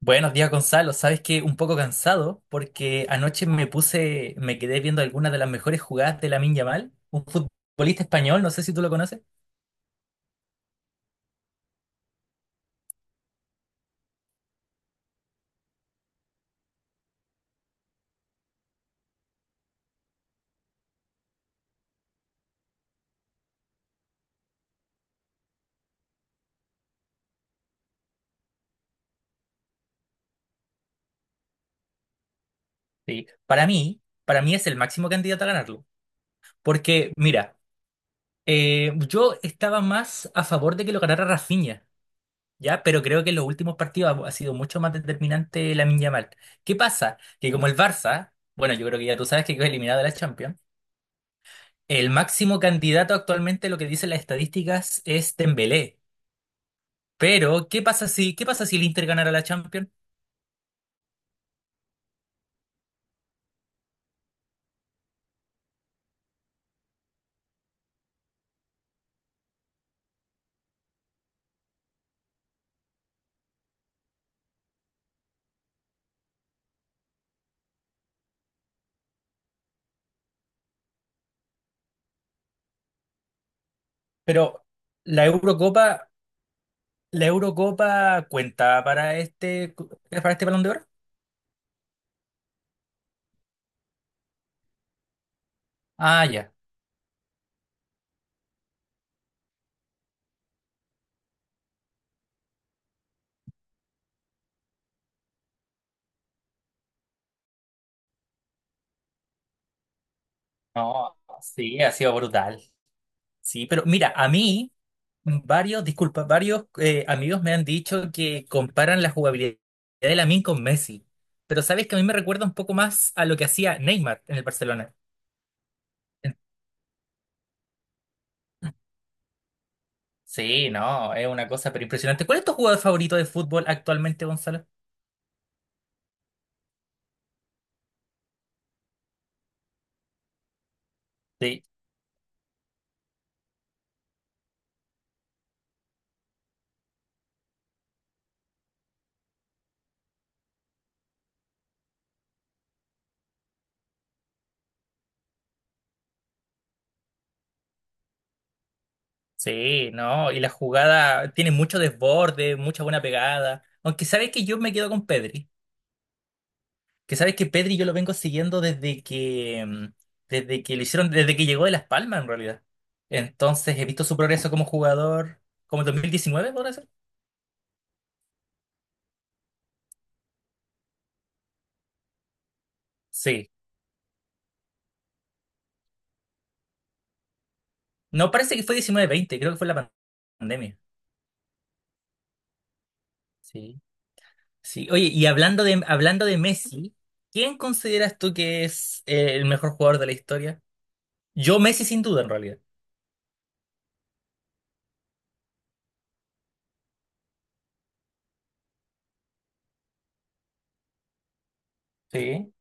Buenos días, Gonzalo. Sabes que un poco cansado porque anoche me quedé viendo algunas de las mejores jugadas de Lamine Yamal, un futbolista español, no sé si tú lo conoces. Sí. Para mí es el máximo candidato a ganarlo. Porque mira, yo estaba más a favor de que lo ganara Rafinha, ¿ya? Pero creo que en los últimos partidos ha sido mucho más determinante Lamine Yamal. ¿Qué pasa? Que como el Barça, bueno, yo creo que ya tú sabes que quedó eliminado de la Champions, el máximo candidato actualmente, lo que dicen las estadísticas, es Dembélé. Pero ¿qué pasa si el Inter ganara la Champions? Pero la Eurocopa, la Eurocopa cuenta para este Balón de Oro. Ah, ya. No, sí, ha sido brutal. Sí, pero mira, a mí, disculpa, varios amigos me han dicho que comparan la jugabilidad de Lamine con Messi. Pero sabes que a mí me recuerda un poco más a lo que hacía Neymar en el Barcelona. Sí, no, es una cosa pero impresionante. ¿Cuál es tu jugador favorito de fútbol actualmente, Gonzalo? Sí, sí, no, y la jugada tiene mucho desborde, mucha buena pegada. Aunque sabes que yo me quedo con Pedri, que sabes que Pedri yo lo vengo siguiendo desde que desde que lo hicieron, desde que llegó de Las Palmas en realidad. Entonces he visto su progreso como jugador, como en 2019, ¿podrá ser? Sí. No, parece que fue 19-20, creo que fue la pandemia. Sí. Sí, oye, y hablando de Messi, ¿quién consideras tú que es el mejor jugador de la historia? Yo Messi sin duda en realidad. Sí.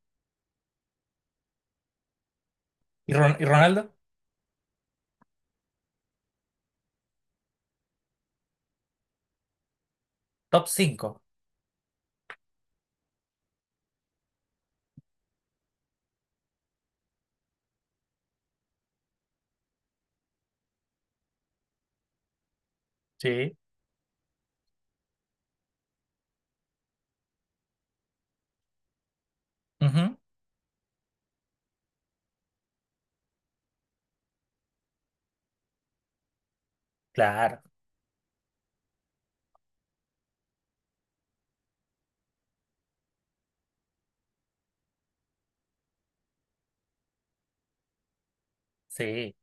¿Y Ronaldo? Top cinco. Sí. Ujú. Claro, sí,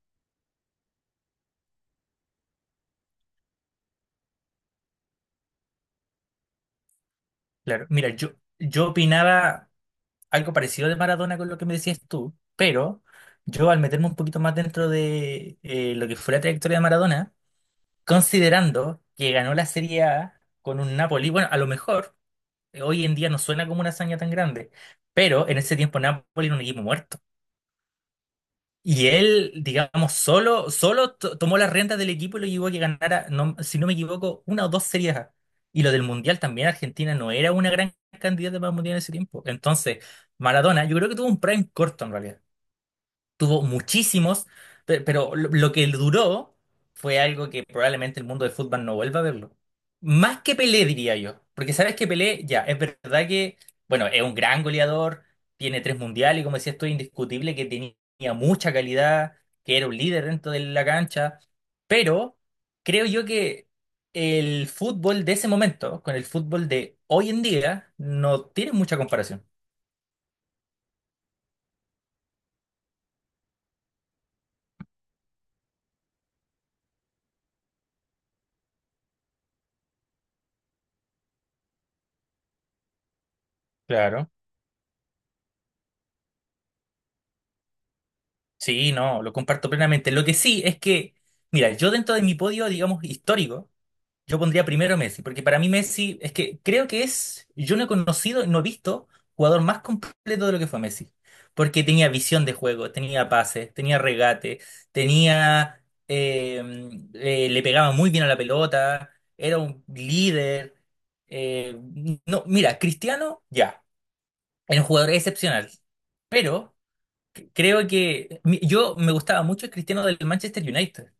claro. Mira, yo opinaba algo parecido de Maradona con lo que me decías tú, pero yo al meterme un poquito más dentro de lo que fue la trayectoria de Maradona, considerando que ganó la Serie A con un Napoli, bueno, a lo mejor, hoy en día no suena como una hazaña tan grande, pero en ese tiempo Napoli era un equipo muerto. Y él, digamos, solo tomó las riendas del equipo y lo llevó a que ganara, si no me equivoco, una o dos Series A. Y lo del Mundial también, Argentina no era una gran candidata para el Mundial en ese tiempo. Entonces, Maradona, yo creo que tuvo un prime corto en realidad, tuvo muchísimos, pero lo que duró fue algo que probablemente el mundo del fútbol no vuelva a verlo. Más que Pelé, diría yo. Porque sabes que Pelé, ya, es verdad que, bueno, es un gran goleador, tiene 3 mundiales, y como decía, esto es indiscutible, que tenía mucha calidad, que era un líder dentro de la cancha, pero creo yo que el fútbol de ese momento con el fútbol de hoy en día no tiene mucha comparación. Claro. Sí, no, lo comparto plenamente. Lo que sí es que, mira, yo dentro de mi podio, digamos, histórico, yo pondría primero Messi, porque para mí Messi es que creo que es, yo no he conocido, no he visto jugador más completo de lo que fue Messi, porque tenía visión de juego, tenía pases, tenía regate, tenía, eh, le pegaba muy bien a la pelota, era un líder. Eh, no, mira, Cristiano, ya, era un jugador excepcional, pero... Creo que yo me gustaba mucho el Cristiano del Manchester United.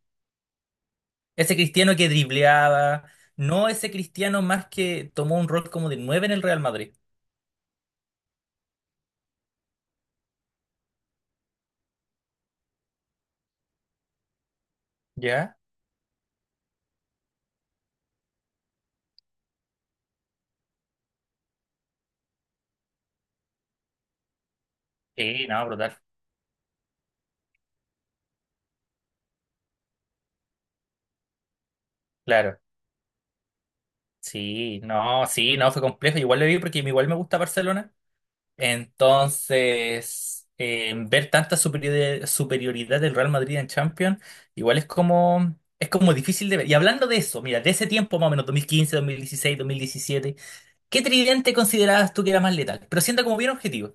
Ese Cristiano que dribleaba, no ese Cristiano más que tomó un rol como de 9 en el Real Madrid. ¿Ya? Sí, no, brutal. Claro. Sí, no, sí, no, fue complejo. Igual lo vi porque igual me gusta Barcelona. Entonces, ver tanta superioridad del Real Madrid en Champions, igual es como difícil de ver. Y hablando de eso, mira, de ese tiempo más o menos, 2015, 2016, 2017. ¿Qué tridente considerabas tú que era más letal? Pero sienta como bien objetivo.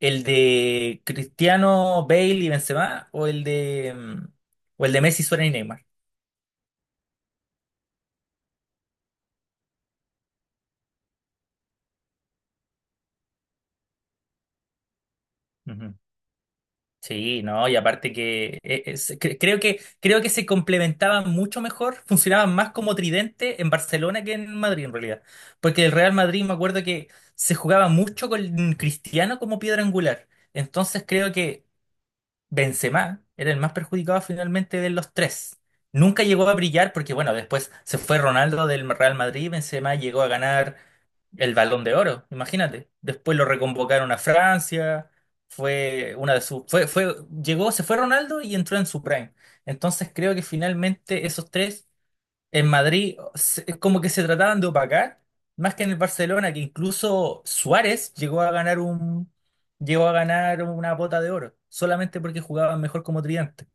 ¿El de Cristiano, Bale y Benzema o el de o el de Messi, Suárez y Neymar? Ujú. Sí, no, y aparte que creo que se complementaban mucho mejor, funcionaban más como tridente en Barcelona que en Madrid en realidad, porque el Real Madrid me acuerdo que se jugaba mucho con Cristiano como piedra angular. Entonces creo que Benzema era el más perjudicado finalmente de los tres. Nunca llegó a brillar porque, bueno, después se fue Ronaldo del Real Madrid y Benzema llegó a ganar el Balón de Oro, imagínate. Después lo reconvocaron a Francia, fue una de sus... llegó, se fue Ronaldo y entró en su prime. Entonces creo que finalmente esos tres en Madrid es como que se trataban de opacar, más que en el Barcelona, que incluso Suárez llegó a ganar un, llegó a ganar una bota de oro, solamente porque jugaban mejor como tridente.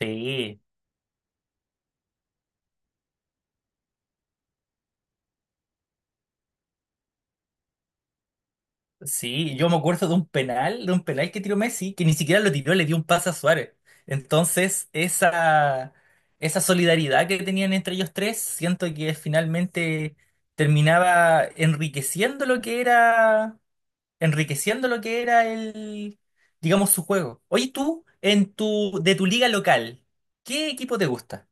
Sí, sí, yo me acuerdo de un penal que tiró Messi, que ni siquiera lo tiró, le dio un pase a Suárez. Entonces, esa solidaridad que tenían entre ellos tres, siento que finalmente terminaba enriqueciendo lo que era. Enriqueciendo lo que era el, digamos, su juego. Oye, tú, en tu, de tu liga local, ¿qué equipo te gusta?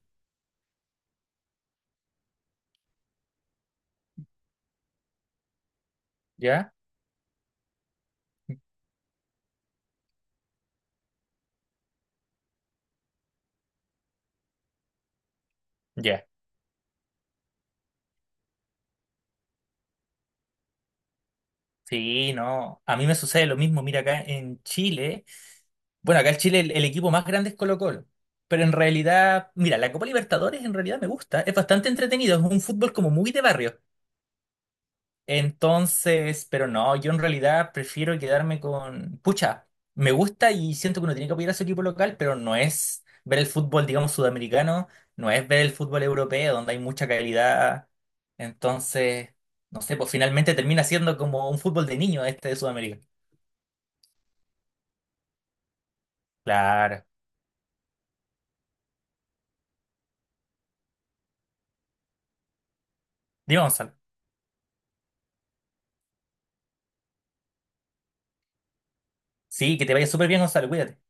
¿Ya? Ya. Sí, no. A mí me sucede lo mismo. Mira, acá en Chile, bueno, acá en Chile el equipo más grande es Colo-Colo. Pero en realidad, mira, la Copa Libertadores en realidad me gusta. Es bastante entretenido. Es un fútbol como muy de barrio. Entonces, pero no, yo en realidad prefiero quedarme con... Pucha, me gusta y siento que uno tiene que apoyar a su equipo local, pero no es ver el fútbol, digamos, sudamericano, no es ver el fútbol europeo, donde hay mucha calidad. Entonces, no sé, pues finalmente termina siendo como un fútbol de niño este de Sudamérica. Claro. Dime, Gonzalo. Sí, que te vaya súper bien, Gonzalo, cuídate.